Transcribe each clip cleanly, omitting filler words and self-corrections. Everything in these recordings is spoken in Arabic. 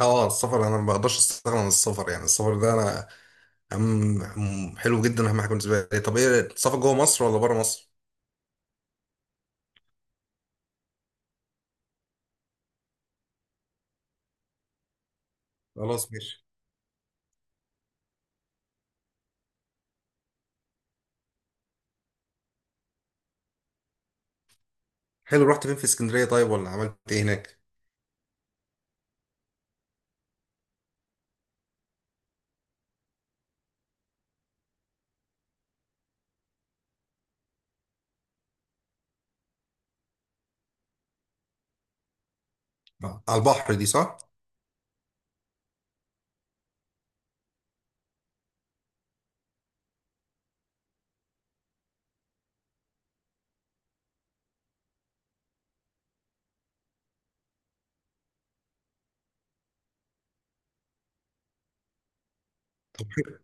السفر انا ما بقدرش استغنى عن السفر، يعني السفر ده انا حلو جدا، اهم حاجه بالنسبه لي. طب ايه، السفر جوه مصر ولا بره مصر؟ خلاص ماشي. حلو، رحت فين في اسكندريه طيب، ولا عملت ايه هناك؟ آه، على البحر دي، صح؟ طب حلو.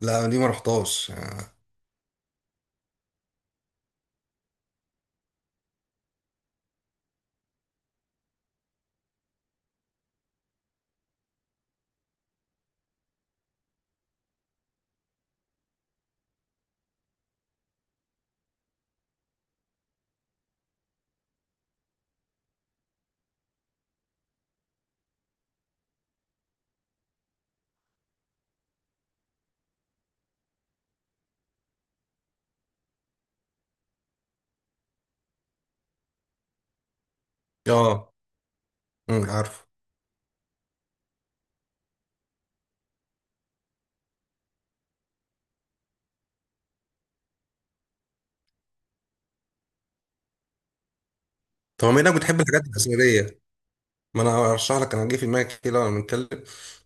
لا دي ما رحتهاش، اه. آه، أمم، عارف. طب بما انك بتحب الحاجات الاثريه، ما انا ارشح لك، انا جه في دماغي كده وانا بنتكلم،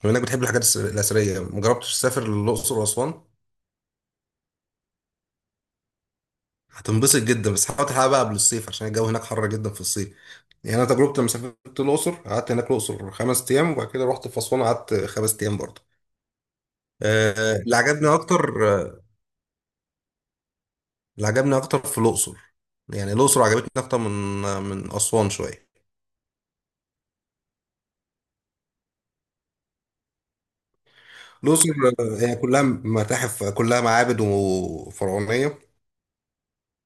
بما انك بتحب الحاجات الاثريه، ما جربتش تسافر للاقصر واسوان؟ هتنبسط جدا، بس حاول تلحقها بقى قبل الصيف عشان الجو هناك حر جدا في الصيف. يعني انا تجربتي لما سافرت الاقصر، قعدت هناك الاقصر 5 ايام، وبعد كده رحت في اسوان قعدت 5 ايام برضه. اللي عجبني اكتر، اللي عجبني اكتر في الاقصر، يعني الاقصر عجبتني اكتر من من اسوان شويه. الاقصر هي كلها متاحف، كلها معابد وفرعونيه.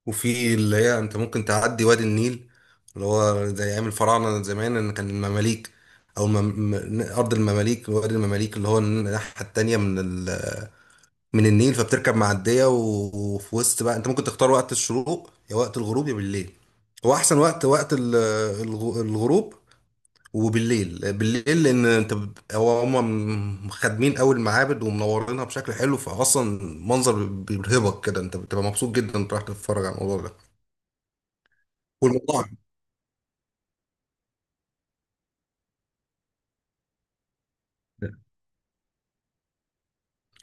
وفي اللي هي انت ممكن تعدي وادي النيل، اللي هو زي ايام الفراعنه زمان، ان كان المماليك او ارض المماليك، وادي المماليك، اللي هو الناحيه التانيه من من النيل. فبتركب معديه وفي وسط بقى انت ممكن تختار وقت الشروق يا وقت الغروب يا بالليل. هو احسن وقت وقت الغروب وبالليل. لان انت هو هم خادمين قوي المعابد ومنورينها بشكل حلو، فاصلا منظر بيرهبك كده، انت بتبقى مبسوط جدا انت رايح تتفرج على الموضوع ده والمطاعم.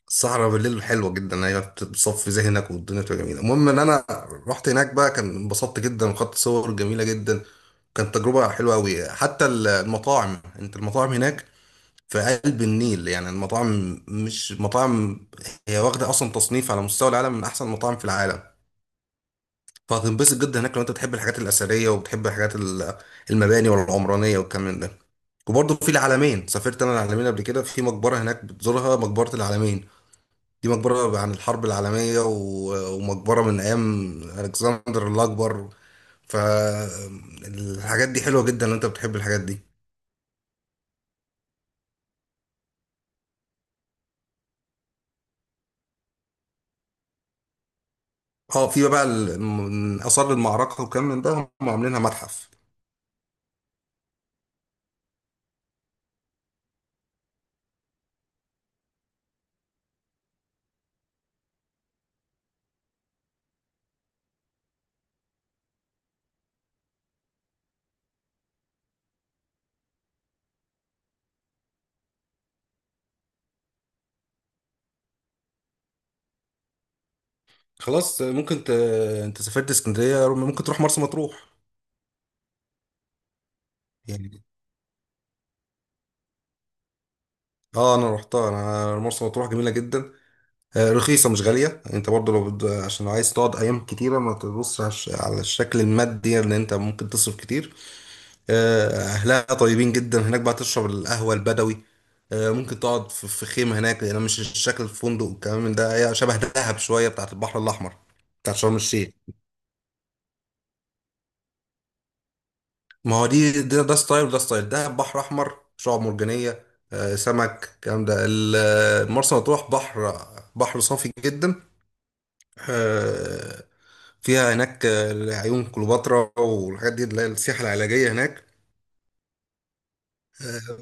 الصحراء بالليل حلوه جدا، هي بتصفي ذهنك والدنيا بتبقى جميله. المهم ان انا رحت هناك بقى، كان انبسطت جدا وخدت صور جميله جدا، كانت تجربه حلوه قوي. حتى المطاعم، انت المطاعم هناك في قلب النيل، يعني المطاعم مش مطاعم، هي واخده اصلا تصنيف على مستوى العالم من احسن المطاعم في العالم. فهتنبسط جدا هناك لو انت بتحب الحاجات الاثريه وبتحب الحاجات المباني والعمرانيه والكلام من ده. وبرضه في العلمين، سافرت انا العلمين قبل كده، في مقبره هناك بتزورها، مقبره العلمين، دي مقبرة عن الحرب العالمية ومقبرة من أيام ألكسندر الأكبر. فالحاجات دي حلوة جدا لو أنت بتحب الحاجات دي. اه في بقى من آثار المعركة وكم من ده، هم عاملينها متحف. خلاص ممكن أنت سافرت اسكندرية، ممكن تروح مرسى مطروح. يعني اه أنا روحتها، أنا مرسى مطروح جميلة جدا. آه، رخيصة مش غالية. أنت برضو لو عشان لو عايز تقعد أيام كتيرة ما تبصش على على الشكل المادي لأن أنت ممكن تصرف كتير. آه، أهلها طيبين جدا، هناك بقى تشرب القهوة البدوي. آه، ممكن تقعد في خيمة هناك، لأن مش الشكل الفندق والكلام من ده، هي شبه دهب شوية، بتاعت البحر الأحمر بتاعت شرم الشيخ. ما هو دي ده ستايل وده ستايل، دهب بحر أحمر شعاب مرجانية، آه، سمك الكلام ده مرسى مطروح بحر، بحر صافي جدا. آه، فيها هناك آه، عيون كليوباترا والحاجات دي اللي هي السياحة العلاجية هناك.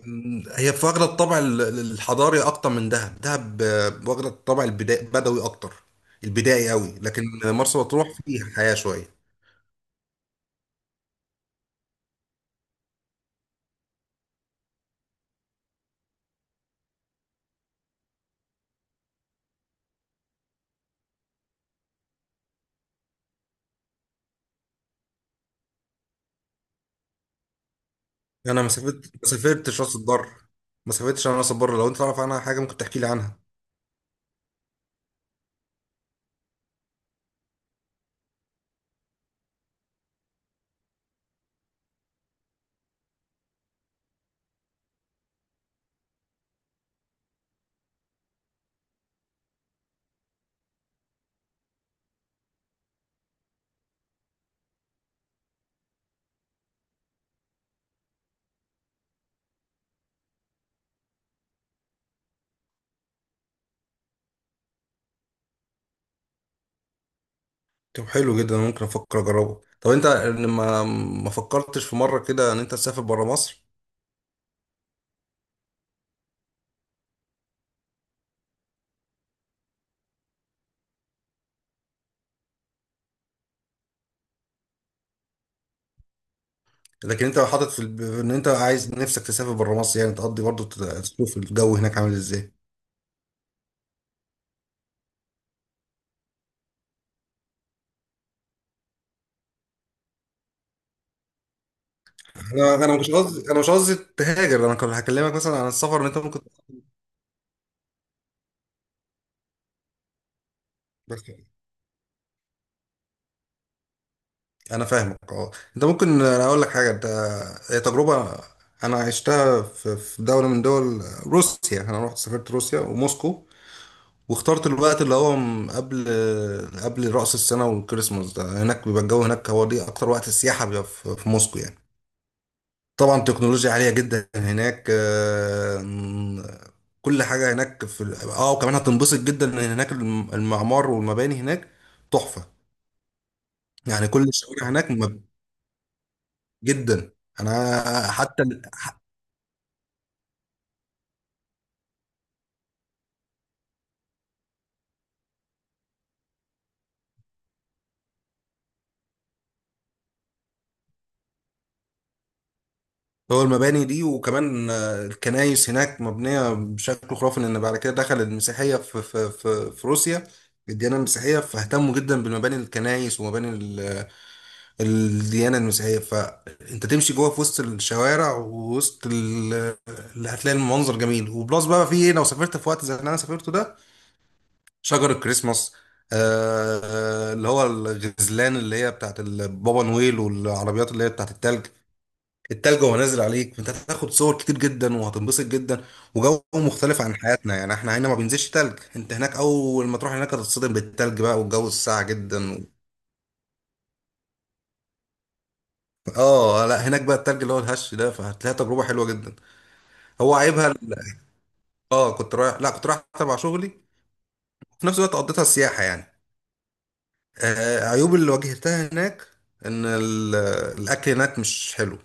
أم، هي في واخدة الطابع الحضاري أكتر من دهب. دهب آه، واخدة الطابع البدوي أكتر، البدائي أوي، لكن مرسى مطروح فيها حياة شوية. أنا ما سافرت، ما سافرتش راس البر، ما سافرتش أنا راس البر. لو أنت تعرف عنها حاجة، ممكن تحكي لي عنها. طب حلو جدا، ممكن أفكر أجربه. طب أنت ما ما فكرتش في مرة كده إن أنت تسافر برا مصر؟ لكن أنت حاطط في إن أنت عايز نفسك تسافر برا مصر، يعني تقضي برضه، تشوف الجو هناك عامل إزاي. انا مش قصدي، انا مش قصدي تهاجر، انا كنت هكلمك مثلا عن السفر ان انت ممكن، بس انا فاهمك. اه انت ممكن، انا اقول لك حاجه، انت هي تجربه انا عشتها في دوله من دول، روسيا. انا رحت سافرت روسيا وموسكو، واخترت الوقت اللي هو قبل رأس السنه والكريسماس ده. هناك بيبقى الجو هناك، هو دي اكتر وقت السياحه، بيبقى في موسكو يعني. طبعا تكنولوجيا عالية جدا هناك. آم، كل حاجة هناك في اه، وكمان هتنبسط جدا ان هناك المعمار والمباني هناك تحفة، يعني كل الشوارع هناك جدا. انا حتى هو المباني دي، وكمان آه، الكنائس هناك مبنية بشكل خرافي، لان بعد كده دخل المسيحية في في روسيا، الديانة المسيحية، فاهتموا جدا بالمباني، الكنائس ومباني ال الديانة المسيحية. فانت تمشي جوه في وسط الشوارع ووسط اللي هتلاقي المنظر جميل. وبلس بقى في ايه، لو سافرت في وقت زي اللي انا سافرته ده، شجر الكريسماس، اللي هو الغزلان اللي هي بتاعت البابا نويل، والعربيات اللي هي بتاعت التلج. التلج وهو نازل عليك، انت هتاخد صور كتير جدا وهتنبسط جدا، وجو مختلف عن حياتنا. يعني احنا هنا ما بينزلش تلج، انت هناك اول ما تروح هناك هتتصدم بالتلج بقى والجو الساقع جدا. اه لا، هناك بقى التلج اللي هو الهش ده، فهتلاقيها تجربه حلوه جدا. هو عيبها اه كنت رايح، لا كنت رايح تبع شغلي، في نفس الوقت قضيتها سياحه يعني. آه، عيوب اللي واجهتها هناك، ان الاكل هناك مش حلو.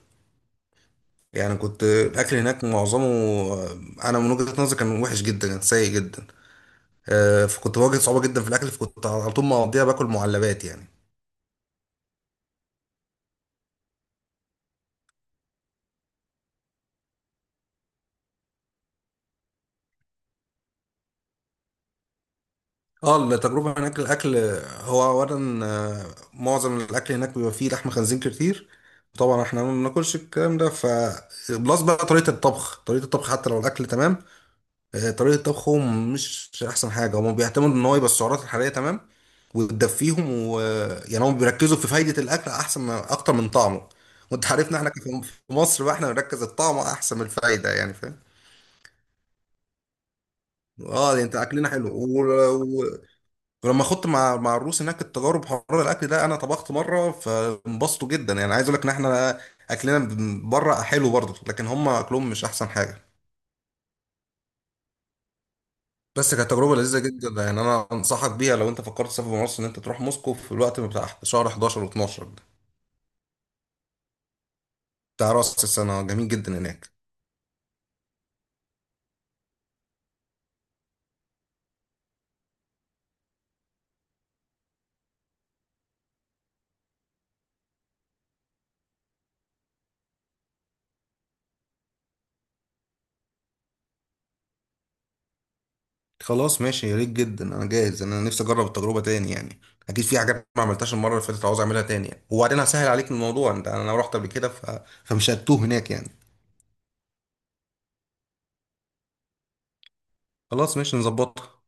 يعني كنت الاكل هناك معظمه، آه، انا من وجهه نظري كان وحش جدا، كان سيء جدا. آه، فكنت بواجه صعوبه جدا في الاكل، فكنت على طول مقضيها باكل معلبات يعني. اه التجربة هناك الأكل، هو أولا آه، معظم الأكل هناك بيبقى فيه لحم خنزير كتير، طبعا احنا ما بناكلش الكلام ده. ف بلس بقى طريقة الطبخ، طريقة الطبخ حتى لو الأكل تمام، آه، طريقة طبخهم مش أحسن حاجة. هما بيعتمدوا إن هو يبقى السعرات الحرارية تمام وتدفيهم، و آه، يعني هم بيركزوا في فايدة الأكل أحسن من أكتر من طعمه. وأنت عارفنا احنا في مصر بقى، احنا بنركز الطعم أحسن من الفايدة، يعني فاهم. اه يعني انت، اكلنا حلو، ولما خدت مع الروس هناك التجارب حوار الاكل ده، انا طبخت مره فانبسطوا جدا. يعني عايز اقول لك ان احنا اكلنا من بره حلو برضه، لكن هم اكلهم مش احسن حاجه. بس كانت تجربه لذيذه جدا يعني، انا انصحك بيها لو انت فكرت تسافر من مصر، ان انت تروح موسكو في الوقت بتاع شهر 11 و12 ده، بتاع راس السنه. جميل جدا هناك. خلاص ماشي، يا ريت جدا، انا جاهز، انا نفسي اجرب التجربه تاني يعني، اكيد في حاجات ما عملتهاش المره اللي فاتت عاوز اعملها تاني يعني. وبعدين هسهل عليك الموضوع، انت انا رحت قبل كده، فمش هتوه هناك يعني. خلاص ماشي، نظبطها.